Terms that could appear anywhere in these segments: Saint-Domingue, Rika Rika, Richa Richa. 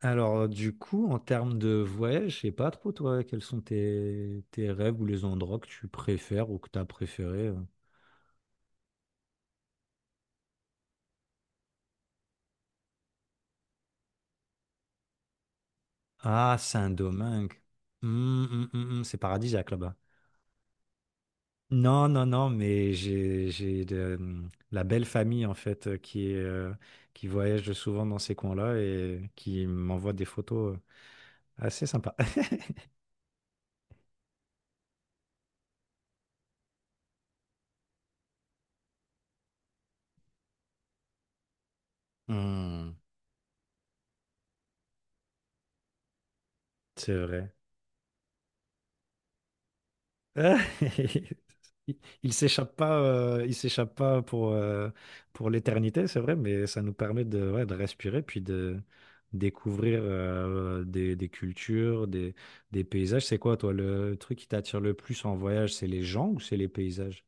Alors, du coup, en termes de voyage, je sais pas trop, toi, quels sont tes rêves ou les endroits que tu préfères ou que tu as préféré. Ah, Saint-Domingue. C'est paradisiaque là-bas. Non, non, non, mais j'ai la belle famille, en fait, qui est, qui voyage souvent dans ces coins-là et qui m'envoie des photos assez sympas. Hum, c'est vrai. Ah, Il il s'échappe pas, il s'échappe pas pour, pour l'éternité, c'est vrai, mais ça nous permet de, ouais, de respirer, puis de découvrir des cultures, des paysages. C'est quoi, toi, le truc qui t'attire le plus en voyage, c'est les gens ou c'est les paysages?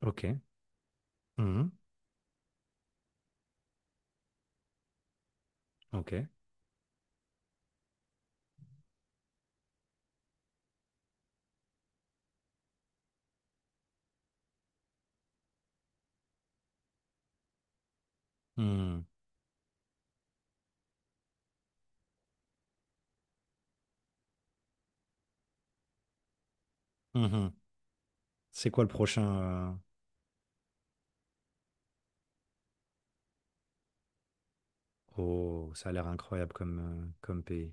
Ok. Mhm. Ok. Mhm. Mhm. C'est quoi le prochain? Oh, ça a l'air incroyable comme, comme pays.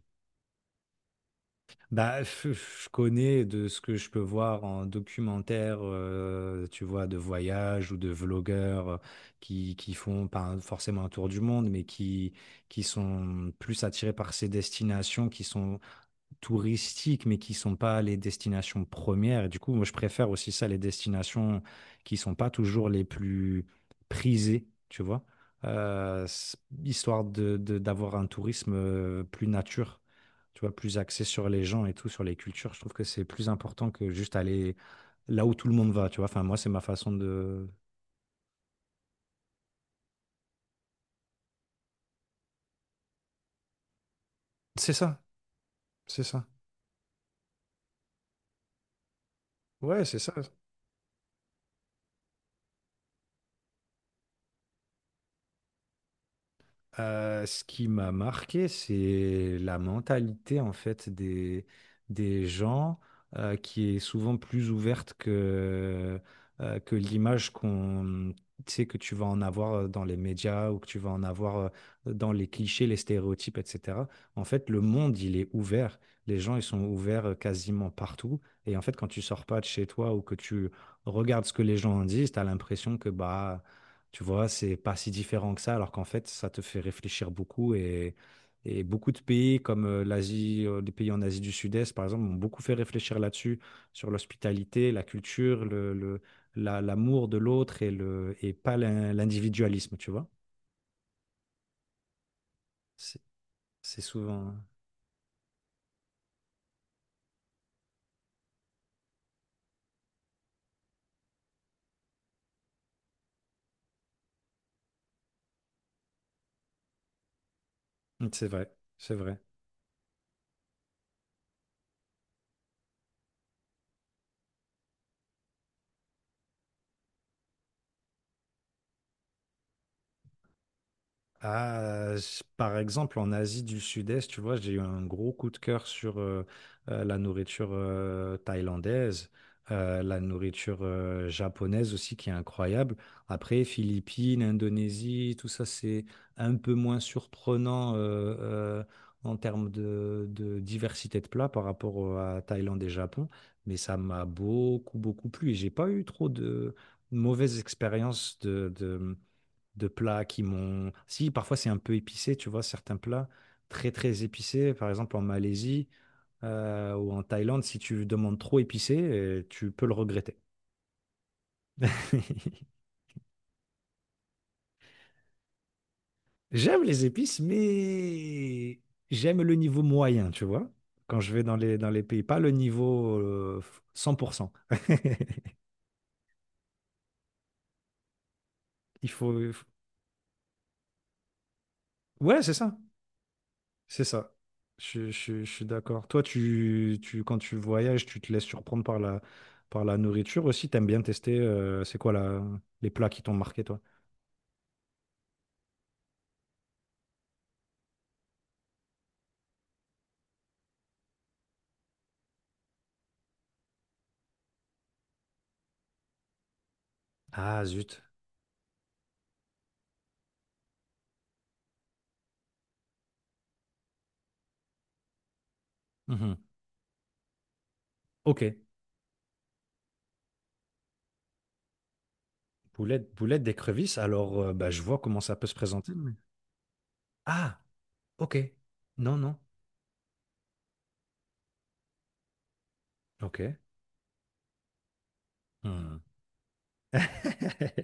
Bah, je connais de ce que je peux voir en documentaire, tu vois, de voyage ou de vlogueurs qui font pas forcément un tour du monde, qui sont plus attirés par ces destinations qui sont touristiques, mais qui sont pas les destinations premières. Et du coup, moi, je préfère aussi ça, les destinations qui sont pas toujours les plus prisées, tu vois. Euh, s- Histoire de, d'avoir un tourisme plus nature, tu vois, plus axé sur les gens et tout, sur les cultures. Je trouve que c'est plus important que juste aller là où tout le monde va, tu vois. Enfin, moi, c'est ma façon de... C'est ça, c'est ça. Ouais, c'est ça. Ce qui m'a marqué, c'est la mentalité en fait des gens qui est souvent plus ouverte que l'image tu sais, que tu vas en avoir dans les médias ou que tu vas en avoir dans les clichés, les stéréotypes, etc. En fait, le monde, il est ouvert. Les gens, ils sont ouverts quasiment partout. Et en fait, quand tu sors pas de chez toi ou que tu regardes ce que les gens en disent, tu as l'impression que bah tu vois, c'est pas si différent que ça, alors qu'en fait, ça te fait réfléchir beaucoup et beaucoup de pays comme l'Asie, les pays en Asie du Sud-Est, par exemple, m'ont beaucoup fait réfléchir là-dessus, sur l'hospitalité, la culture, l'amour de l'autre et le, et pas l'in- l'individualisme, tu vois. C'est c'est souvent, hein. C'est vrai, c'est vrai. Par exemple, en Asie du Sud-Est, tu vois, j'ai eu un gros coup de cœur sur la nourriture thaïlandaise, la nourriture japonaise aussi, qui est incroyable. Après, Philippines, Indonésie, tout ça, c'est un peu moins surprenant euh, en termes de diversité de plats par rapport à Thaïlande et Japon, mais ça m'a beaucoup, beaucoup plu et j'ai pas eu trop de mauvaises expériences de plats qui m'ont... Si, parfois c'est un peu épicé, tu vois, certains plats très très épicés, par exemple en Malaisie ou en Thaïlande, si tu demandes trop épicé, tu peux le regretter. J'aime les épices, mais j'aime le niveau moyen, tu vois, quand je vais dans les pays, pas le niveau 100%. Il faut... il faut- Ouais, c'est ça. C'est ça. Je suis d'accord. Toi, quand tu voyages, tu te laisses surprendre par la nourriture aussi. T'aimes bien tester, c'est quoi la, les plats qui t'ont marqué, toi? Ah, zut. Mhm. Ok. Boulette, boulette d'écrevisse. Alors, bah, je vois comment ça peut se présenter. Mais... Ah, ok. Non, non. Ok. Hmm.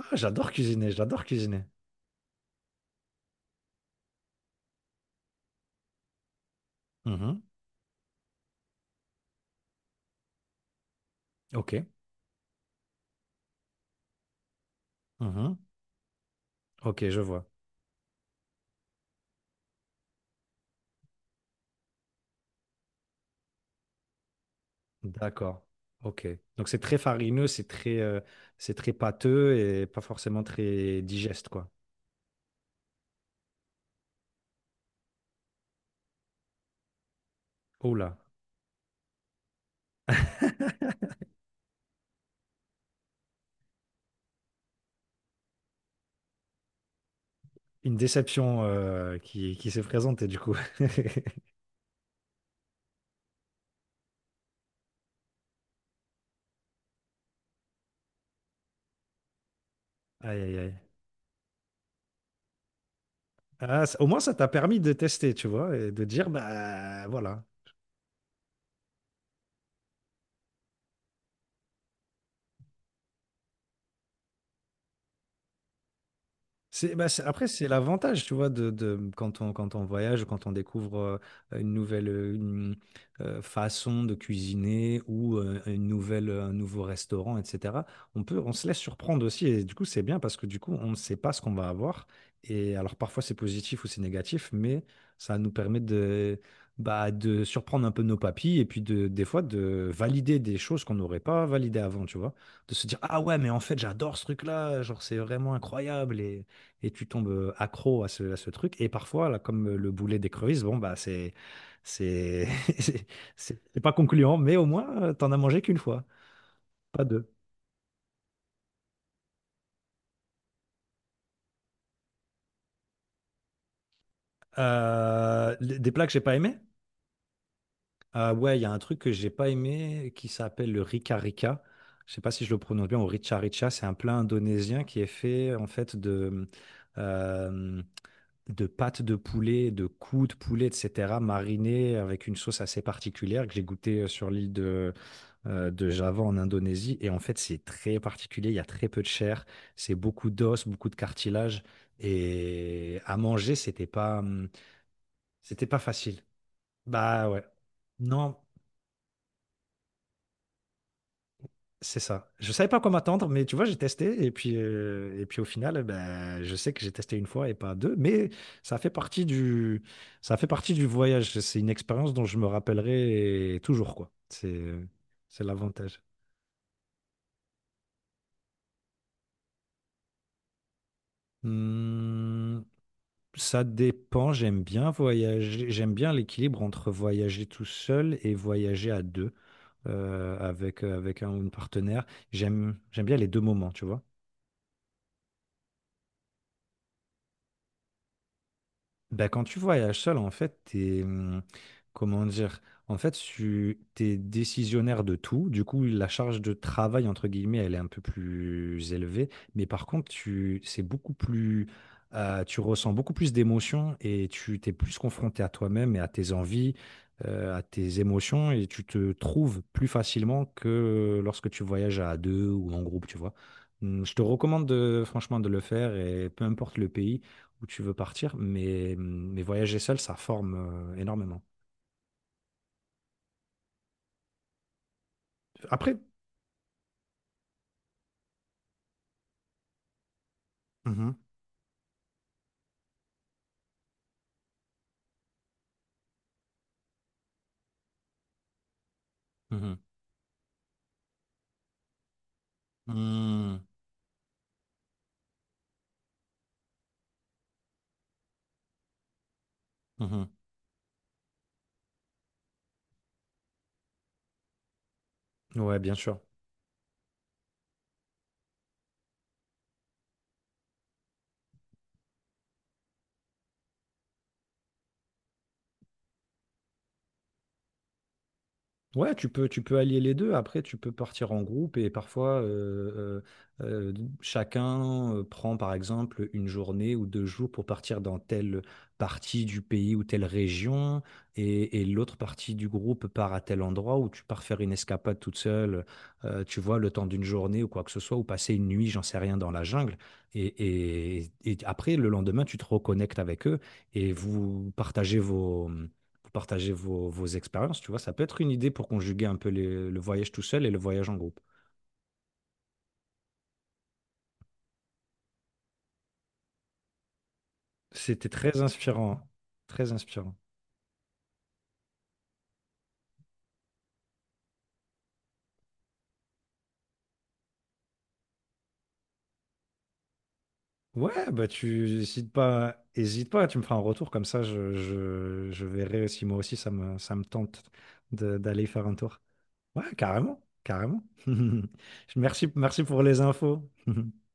Ah, j'adore cuisiner, j'adore cuisiner. Mhm. Ok. Mhm. Ok, je vois. D'accord. Ok. Donc c'est très farineux, c'est très pâteux et pas forcément très digeste, quoi. Oh là. Une déception qui s'est présentée, du coup. Aïe, aïe, aïe. Ah, ça- au moins, ça t'a permis de tester, tu vois, et de dire, bah voilà. C'est, bah, c'est- après, c'est l'avantage, tu vois, de- quand on, quand on voyage, quand on découvre une nouvelle façon de cuisiner ou un nouveau restaurant, etc. On peut, on se laisse surprendre aussi. Et du coup, c'est bien parce que du coup, on ne sait pas ce qu'on va avoir. Et alors, parfois, c'est positif ou c'est négatif, mais ça nous permet de, bah, de surprendre un peu nos papilles et puis de, des fois de valider des choses qu'on n'aurait pas validées avant, tu vois. De se dire, ah ouais, mais en fait, j'adore ce truc-là, genre, c'est vraiment incroyable. Et tu tombes accro à ce truc. Et parfois, là, comme le boulet d'écrevisse, bon, bah, c'est, c'est c'est pas concluant, mais au moins, t'en as mangé qu'une fois, pas deux. Des plats que j'ai pas aimé? Ouais, il y a un truc que j'ai pas aimé qui s'appelle le Rika Rika. Je sais pas si je le prononce bien, ou Richa Richa, c'est un plat indonésien qui est fait en fait euh, de pâtes de poulet, de coups de poulet, etc., marinées avec une sauce assez particulière que j'ai goûté sur l'île de Java en Indonésie. Et en fait, c'est très particulier, il y a très peu de chair, c'est beaucoup d'os, beaucoup de cartilage. Et à manger, c'était pas facile. Bah ouais. Non, c'est ça. Je savais pas quoi m'attendre, mais tu vois, j'ai testé. Et puis au final, ben, je sais que j'ai testé une fois et pas deux. Mais ça fait partie du, ça fait partie du voyage. C'est une expérience dont je me rappellerai toujours, quoi. C'est l'avantage. Hmm, ça dépend, j'aime bien voyager, j'aime bien l'équilibre entre voyager tout seul et voyager à deux avec un ou une partenaire. J'aime bien les deux moments, tu vois. Bah, quand tu voyages seul, en fait, comment dire, tu t'es décisionnaire de tout. Du coup, la charge de travail, entre guillemets, elle est un peu plus élevée. Mais par contre, tu, c'est beaucoup plus, tu ressens beaucoup plus d'émotions et tu t'es plus confronté à toi-même et à tes envies, à tes émotions et tu te trouves plus facilement que lorsque tu voyages à deux ou en groupe, tu vois. Je te recommande franchement de le faire et peu importe le pays où tu veux partir, mais voyager seul, ça forme énormément. Après, mhm, mhm, mhm, mhm. Ouais, bien sûr. Ouais, tu peux allier les deux. Après, tu peux partir en groupe et parfois, euh, euh, chacun prend par exemple une journée ou deux jours pour partir dans telle partie du pays ou telle région et l'autre partie du groupe part à tel endroit où tu pars faire une escapade toute seule, tu vois, le temps d'une journée ou quoi que ce soit, ou passer une nuit, j'en sais rien, dans la jungle. Et après, le lendemain, tu te reconnectes avec eux et vous partagez vos partager vos, vos expériences, tu vois, ça peut être une idée pour conjuguer un peu le voyage tout seul et le voyage en groupe. C'était très inspirant, très inspirant. Ouais, bah tu hésites pas, hésite pas, tu me feras un retour comme ça, je verrai si moi aussi ça me tente d'aller faire un tour. Ouais, carrément, carrément. Merci, merci pour les infos.